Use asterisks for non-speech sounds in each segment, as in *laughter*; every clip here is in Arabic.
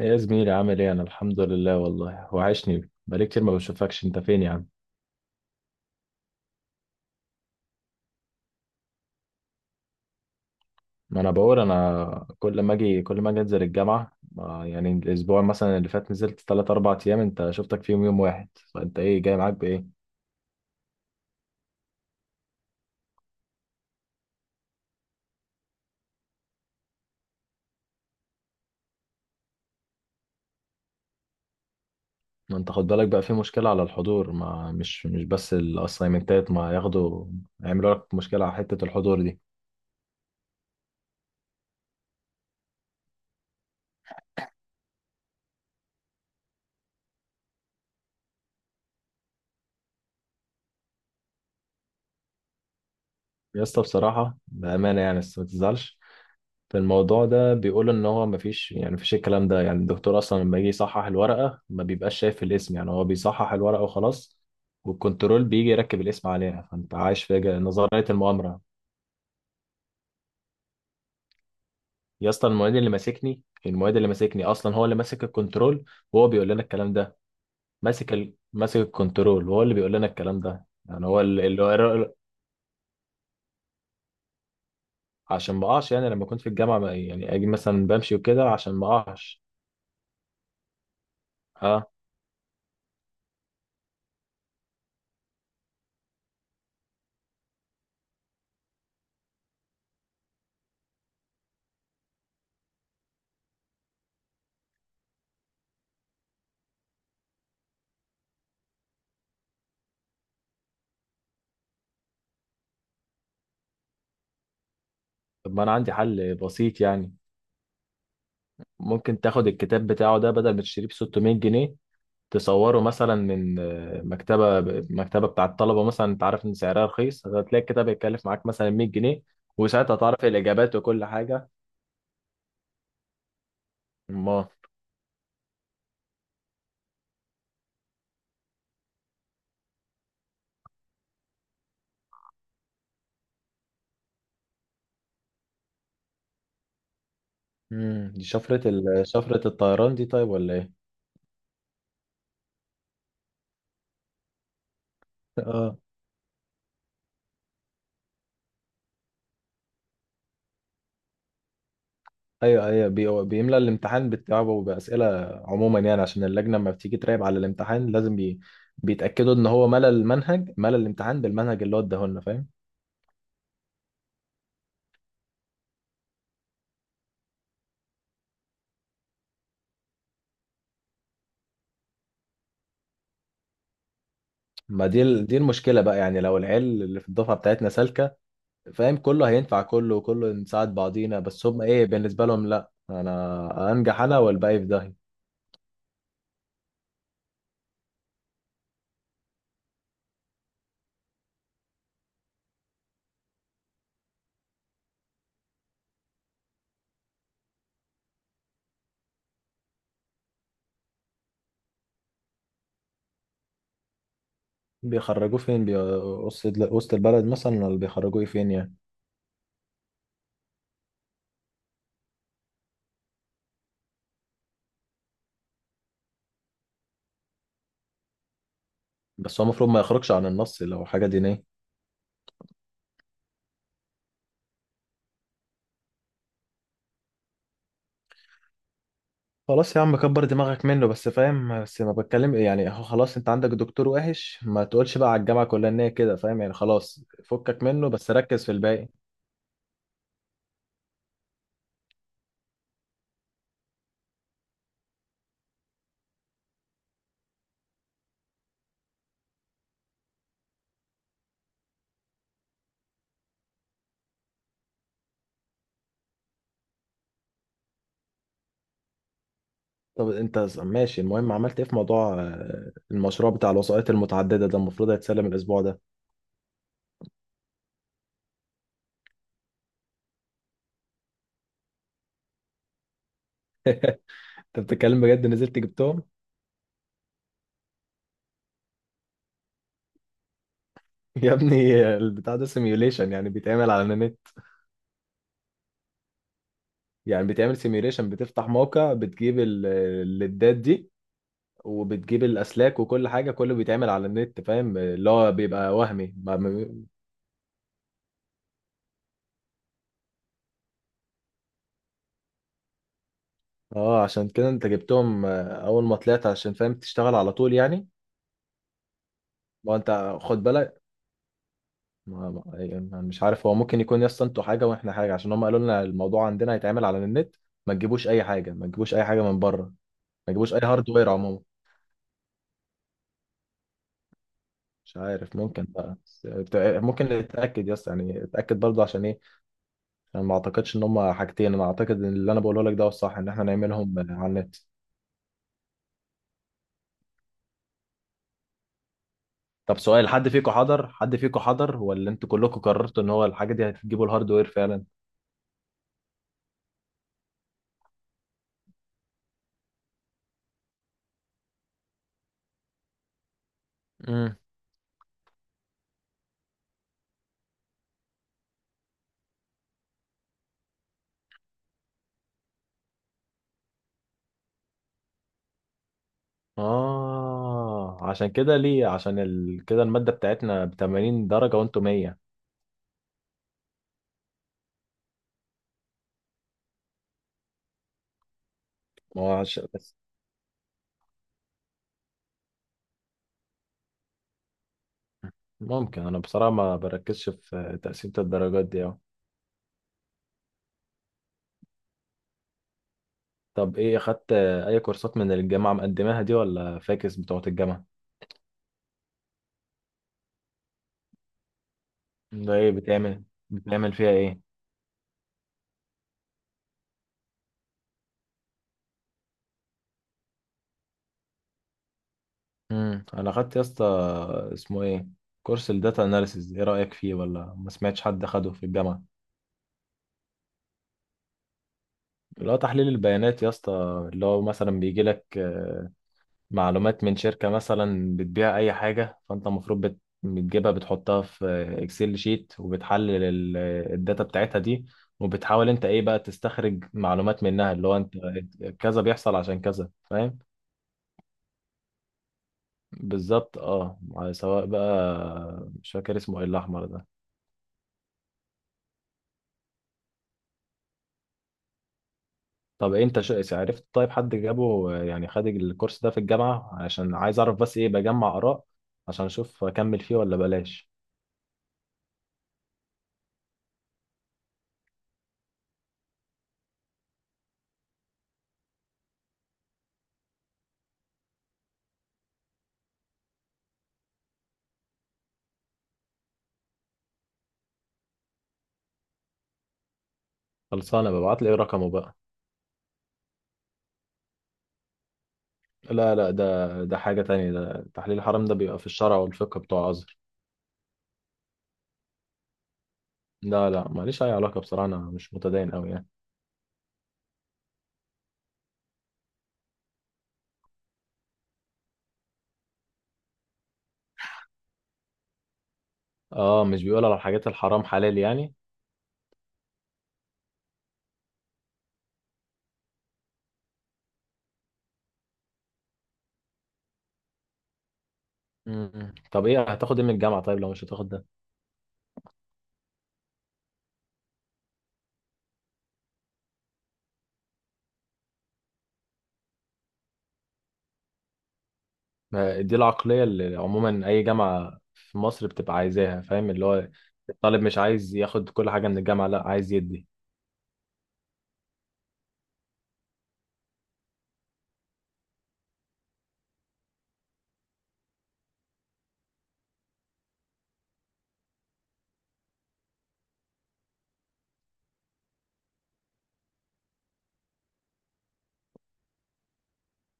يا زميلي عامل ايه؟ انا الحمد لله. والله وحشني، بقالي كتير ما بشوفكش. انت فين يا عم؟ ما انا بقول، كل ما اجي، انزل الجامعه، يعني الاسبوع مثلا اللي فات نزلت 3 4 ايام، انت شفتك فيهم يوم واحد. فانت ايه جاي معاك بايه؟ ما انت خد بالك بقى، في مشكله على الحضور، ما مش مش بس الاسايمنتات ما ياخدوا يعملوا لك مشكله على حته الحضور دي. يا اسطى بصراحه بامانه يعني، بس ما تزعلش في الموضوع ده، بيقول ان هو مفيش، الكلام ده يعني. الدكتور اصلا لما يجي يصحح الورقه ما بيبقاش شايف الاسم، يعني هو بيصحح الورقه وخلاص، والكنترول بيجي يركب الاسم عليها. فانت عايش في نظريه المؤامره. يا اسطى المعيد اللي ماسكني، اصلا هو اللي ماسك الكنترول وهو بيقول لنا الكلام ده. ماسك ماسك الكنترول وهو اللي بيقول لنا الكلام ده، يعني هو عشان ما اقعش. يعني لما كنت في الجامعه يعني اجي مثلا بمشي وكده عشان ما اقعش. اه، طب ما انا عندي حل بسيط يعني. ممكن تاخد الكتاب بتاعه ده بدل ما تشتريه ب 600 جنيه، تصوره مثلا من مكتبة، بتاع الطلبة مثلا، انت عارف ان سعرها رخيص، هتلاقي الكتاب هيتكلف معاك مثلا 100 جنيه، وساعتها تعرف الإجابات وكل حاجة. ما مم. دي شفرة شفرة الطيران دي طيب، ولا ايه؟ *laughs* اه ايوه ايوه، بيملى الامتحان بتاعه بأسئلة. عموما يعني عشان اللجنة لما بتيجي تراقب على الامتحان لازم بيتأكدوا ان هو ملى المنهج، ملى الامتحان بالمنهج اللي هو اداهولنا، فاهم؟ ما دي دي المشكله بقى يعني. لو العيال اللي في الدفعه بتاعتنا سالكه، فاهم، كله هينفع، كله وكله نساعد بعضينا، بس هم ايه بالنسبه لهم؟ لا، انا انجح انا والباقي في داهيه. بيخرجوه فين، وسط، البلد مثلا، ولا بيخرجوه فين يعني؟ بس هو المفروض ما يخرجش عن النص لو حاجه دينيه. خلاص يا عم كبر دماغك منه بس، فاهم؟ بس ما بتكلم يعني، هو خلاص انت عندك دكتور وحش، ما تقولش بقى على الجامعه كلها ان هي كده، فاهم يعني؟ خلاص، فكك منه بس ركز في الباقي. طب انت ماشي. المهم عملت ايه في موضوع المشروع بتاع الوسائط المتعدده ده؟ المفروض هيتسلم الاسبوع ده. انت بتتكلم بجد، نزلت جبتهم؟ *laughs* يا ابني، البتاع ده سيميوليشن، يعني بيتعمل على النت. يعني بيتعمل سيميوليشن، بتفتح موقع بتجيب الليدات دي وبتجيب الاسلاك وكل حاجه، كله بيتعمل على النت، فاهم؟ اللي هو بيبقى وهمي اه. عشان كده انت جبتهم اول ما طلعت عشان فاهم تشتغل على طول يعني. ما انت خد بالك، يعني مش عارف، هو ممكن يكون يس انتوا حاجه واحنا حاجه، عشان هم قالوا لنا الموضوع عندنا هيتعمل على النت. ما تجيبوش اي حاجه، من بره، ما تجيبوش اي هاردوير عموما. مش عارف، ممكن بقى بس ممكن نتاكد يس يعني، اتاكد برضه عشان ايه. انا ما اعتقدش ان هم حاجتين، انا اعتقد ان اللي انا بقوله لك ده هو الصح، ان احنا نعملهم على النت. طب سؤال، حد فيكم حضر؟ ولا انتوا كلكم قررتوا ان هو الحاجه دي هتجيبوا الهاردوير فعلا؟ اه عشان كده ليه عشان كده المادة بتاعتنا ب 80 درجة وانتوا 100. ما هو بس ممكن انا بصراحة ما بركزش في تقسيمة الدرجات دي أوي. طب ايه، اخدت اي كورسات من اللي الجامعة مقدماها دي، ولا فاكس بتوعة الجامعة؟ ده ايه بتعمل، بتعمل فيها ايه؟ انا اخدت يا اسطى، اسمه ايه، كورس الداتا اناليسيز. ايه رأيك فيه؟ ولا ما سمعتش حد اخده في الجامعة؟ اللي هو تحليل البيانات يا اسطى، اللي هو مثلا بيجي لك معلومات من شركة مثلا بتبيع أي حاجة، فأنت المفروض بتجيبها بتحطها في إكسل شيت وبتحلل الداتا بتاعتها دي، وبتحاول أنت إيه بقى تستخرج معلومات منها. اللي هو أنت كذا بيحصل عشان كذا، فاهم؟ بالظبط. أه على سواء بقى، مش فاكر اسمه إيه الأحمر ده. طب أنت عرفت، طيب حد جابه يعني، خد الكورس ده في الجامعة؟ عشان عايز أعرف بس إيه، بجمع آراء عشان أشوف أكمل فيه ولا بلاش. خلصانة، ببعت لي رقمه بقى. لا لا، ده حاجة تانية، ده تحليل الحرام، ده بيبقى في الشرع والفقه بتوع الأزهر. لا لا، ماليش أي علاقة بصراحة، أنا مش متدين أوي يعني. اه مش بيقول على الحاجات الحرام حلال يعني. مم. طب ايه، هتاخد ايه من الجامعة طيب لو مش هتاخد ده؟ ما دي العقلية اللي عموما أي جامعة في مصر بتبقى عايزاها، فاهم؟ اللي هو الطالب مش عايز ياخد كل حاجة من الجامعة، لا، عايز يدي.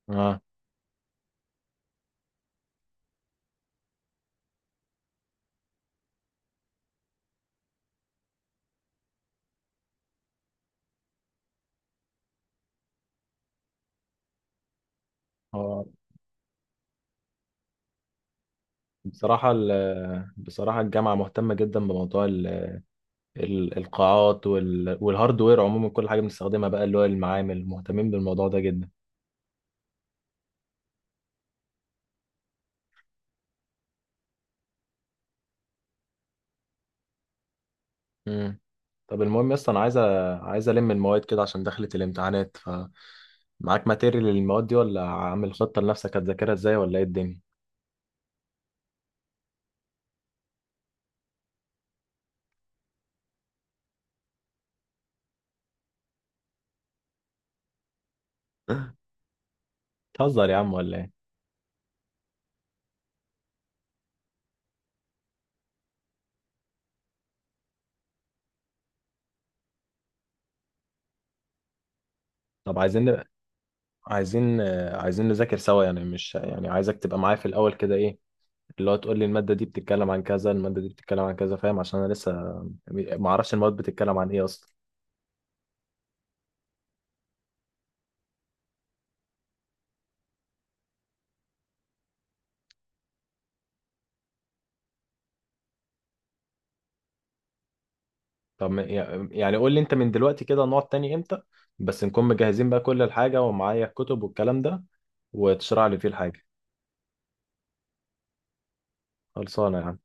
اه، هو بصراحة بصراحة الجامعة مهتمة جدا بموضوع القاعات والهاردوير عموما. كل حاجه بنستخدمها بقى، اللي هو المعامل، مهتمين بالموضوع ده جدا. امم. طب المهم يا اسطى انا عايز الم المواد كده عشان دخلت الامتحانات. ف معاك ماتيريال للمواد دي، ولا عامل خطه لنفسك هتذاكرها ازاي، ولا ايه الدنيا؟ بتهزر يا عم ولا ايه؟ طب عايزين، عايزين نذاكر سوا يعني، مش يعني، عايزك تبقى معايا في الاول كده، ايه اللي هو، تقول لي الماده دي بتتكلم عن كذا، الماده دي بتتكلم عن كذا، فاهم؟ عشان انا لسه ما اعرفش المواد بتتكلم عن ايه اصلا. طب يعني قول لي انت من دلوقتي كده، نقعد تاني امتى؟ بس نكون مجهزين بقى كل الحاجة، ومعايا الكتب والكلام ده، وتشرح لي فيه الحاجة. خلصانة يا عم.